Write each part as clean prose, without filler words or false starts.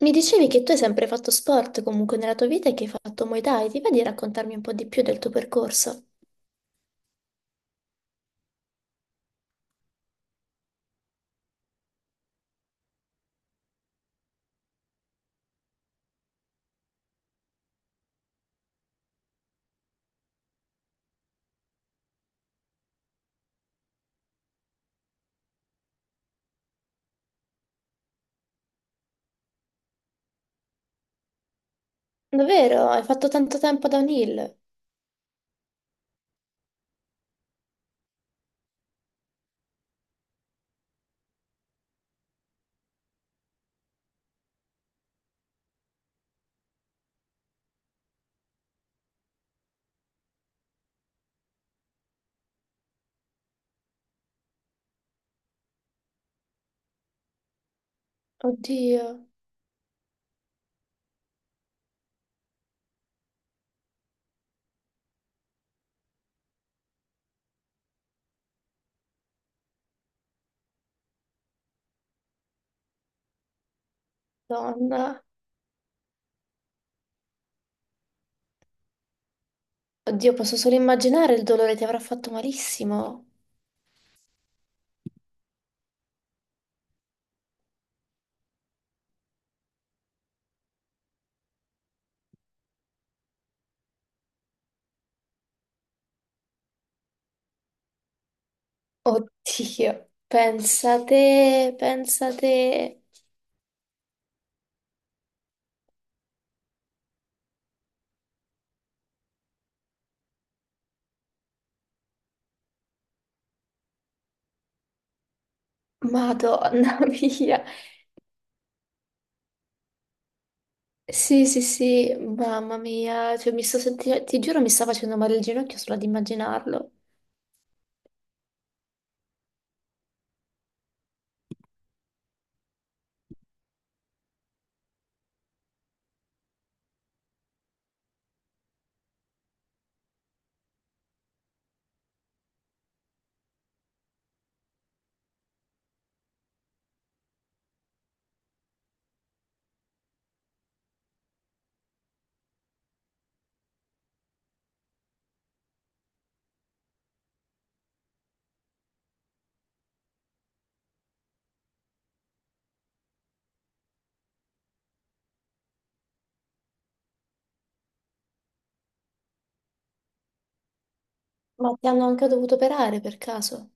Mi dicevi che tu hai sempre fatto sport comunque nella tua vita e che hai fatto Muay Thai. Ti va di raccontarmi un po' di più del tuo percorso? Davvero? Hai fatto tanto tempo da un hill? Oddio, donna. Oddio, posso solo immaginare il dolore, ti avrà fatto malissimo. Oddio, pensate, pensate. Madonna mia. Sì, sì, sì, mamma mia. Cioè, ti giuro, mi sta facendo male il ginocchio solo ad immaginarlo. Ma ti hanno anche dovuto operare per caso?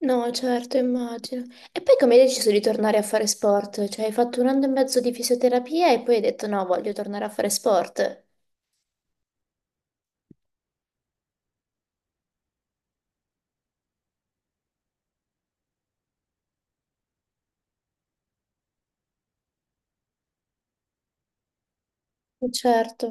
No, certo, immagino. E poi come hai deciso di tornare a fare sport? Cioè, hai fatto un anno e mezzo di fisioterapia e poi hai detto no, voglio tornare a fare sport. Certo,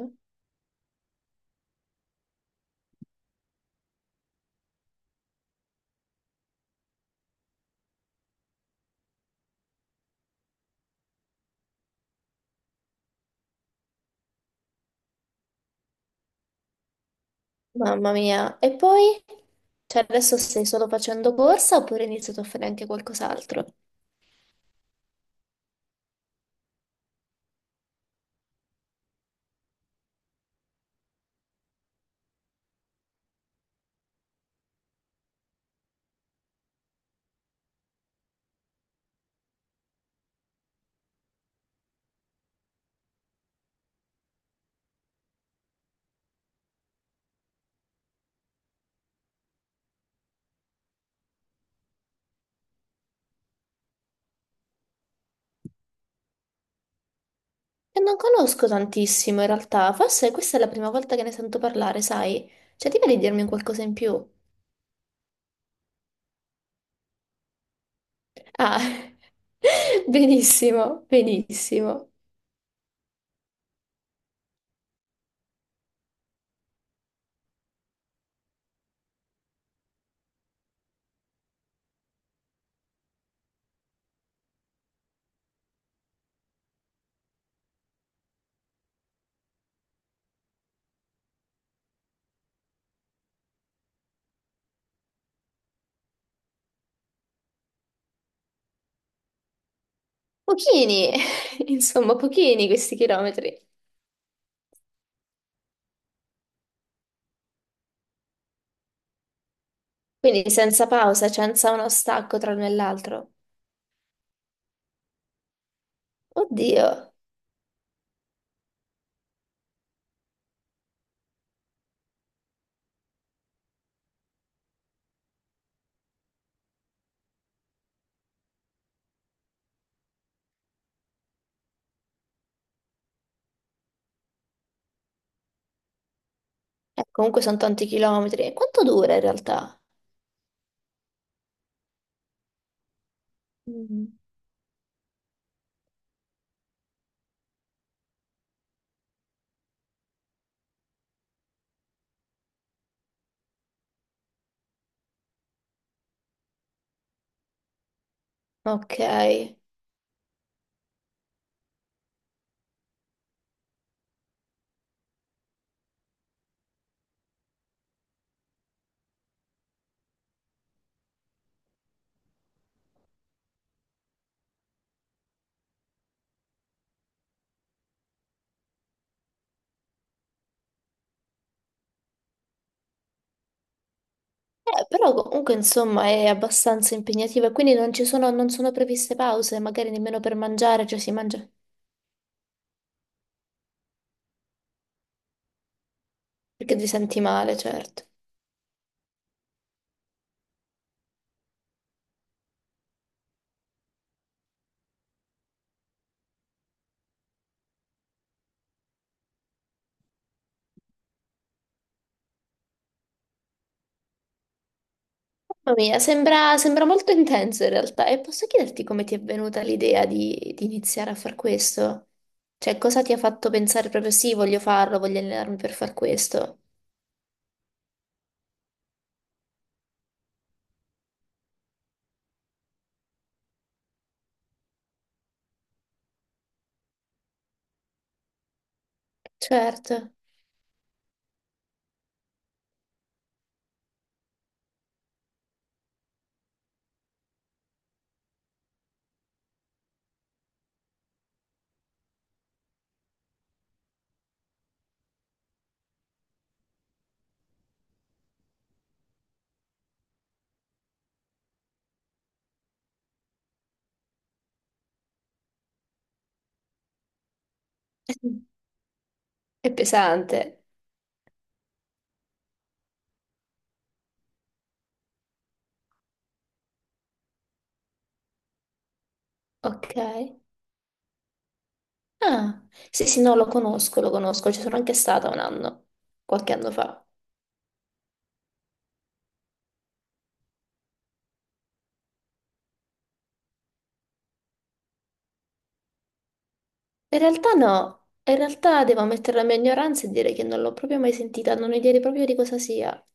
mamma mia. E poi? Cioè, adesso stai solo facendo corsa oppure hai iniziato a fare anche qualcos'altro? E non conosco tantissimo in realtà, forse questa è la prima volta che ne sento parlare, sai? Cioè, ti va di dirmi un qualcosa in più? Ah, benissimo, benissimo. Pochini, insomma, pochini questi chilometri. Quindi senza pausa, senza uno stacco tra l'uno e l'altro. Oddio. Comunque sono tanti chilometri. E quanto dura in realtà? Mm. Ok. Però comunque insomma è abbastanza impegnativa, quindi non sono previste pause, magari nemmeno per mangiare, cioè si mangia perché ti senti male, certo. Mamma mia, sembra molto intenso in realtà. E posso chiederti come ti è venuta l'idea di iniziare a far questo? Cioè, cosa ti ha fatto pensare proprio sì, voglio farlo, voglio allenarmi per far questo? Certo, è pesante. Ok. Ah, sì, sì, no, lo conosco, ci sono anche stata un anno, qualche anno fa. In realtà no, in realtà devo ammettere la mia ignoranza e dire che non l'ho proprio mai sentita, non ho idea proprio di cosa sia.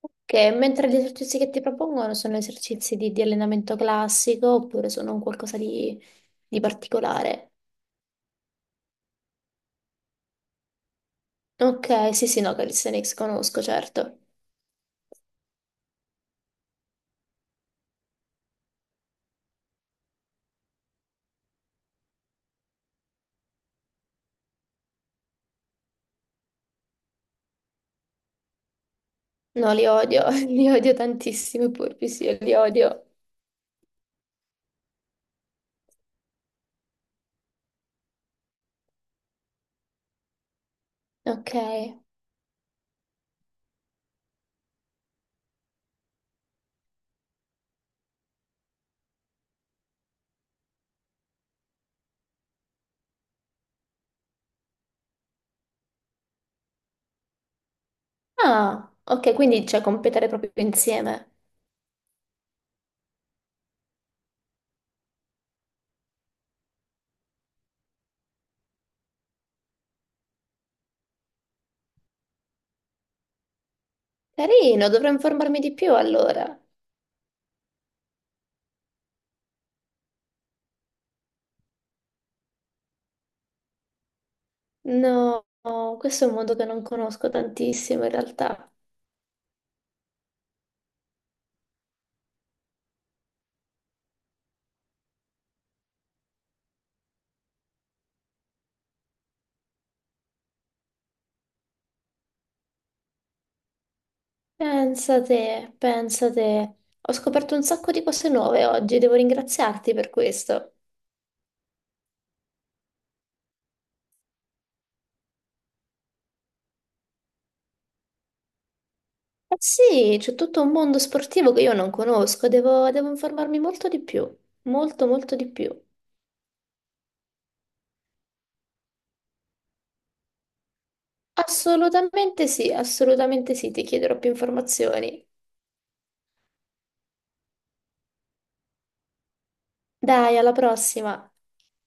Ok, mentre gli esercizi che ti propongono sono esercizi di allenamento classico oppure sono un qualcosa di particolare? Ok, sì, sì, no, calisthenics conosco, certo. No, li odio, li odio tantissimo, i polpi, sì, io li odio. Ok. Ah, ok, quindi cioè competere proprio insieme. Carino, dovrò informarmi di più allora. No, questo è un mondo che non conosco tantissimo in realtà. Pensa te, pensa te. Ho scoperto un sacco di cose nuove oggi, devo ringraziarti per questo. Eh sì, c'è tutto un mondo sportivo che io non conosco, devo informarmi molto di più, molto molto di più. Assolutamente sì, ti chiederò più informazioni. Dai, alla prossima!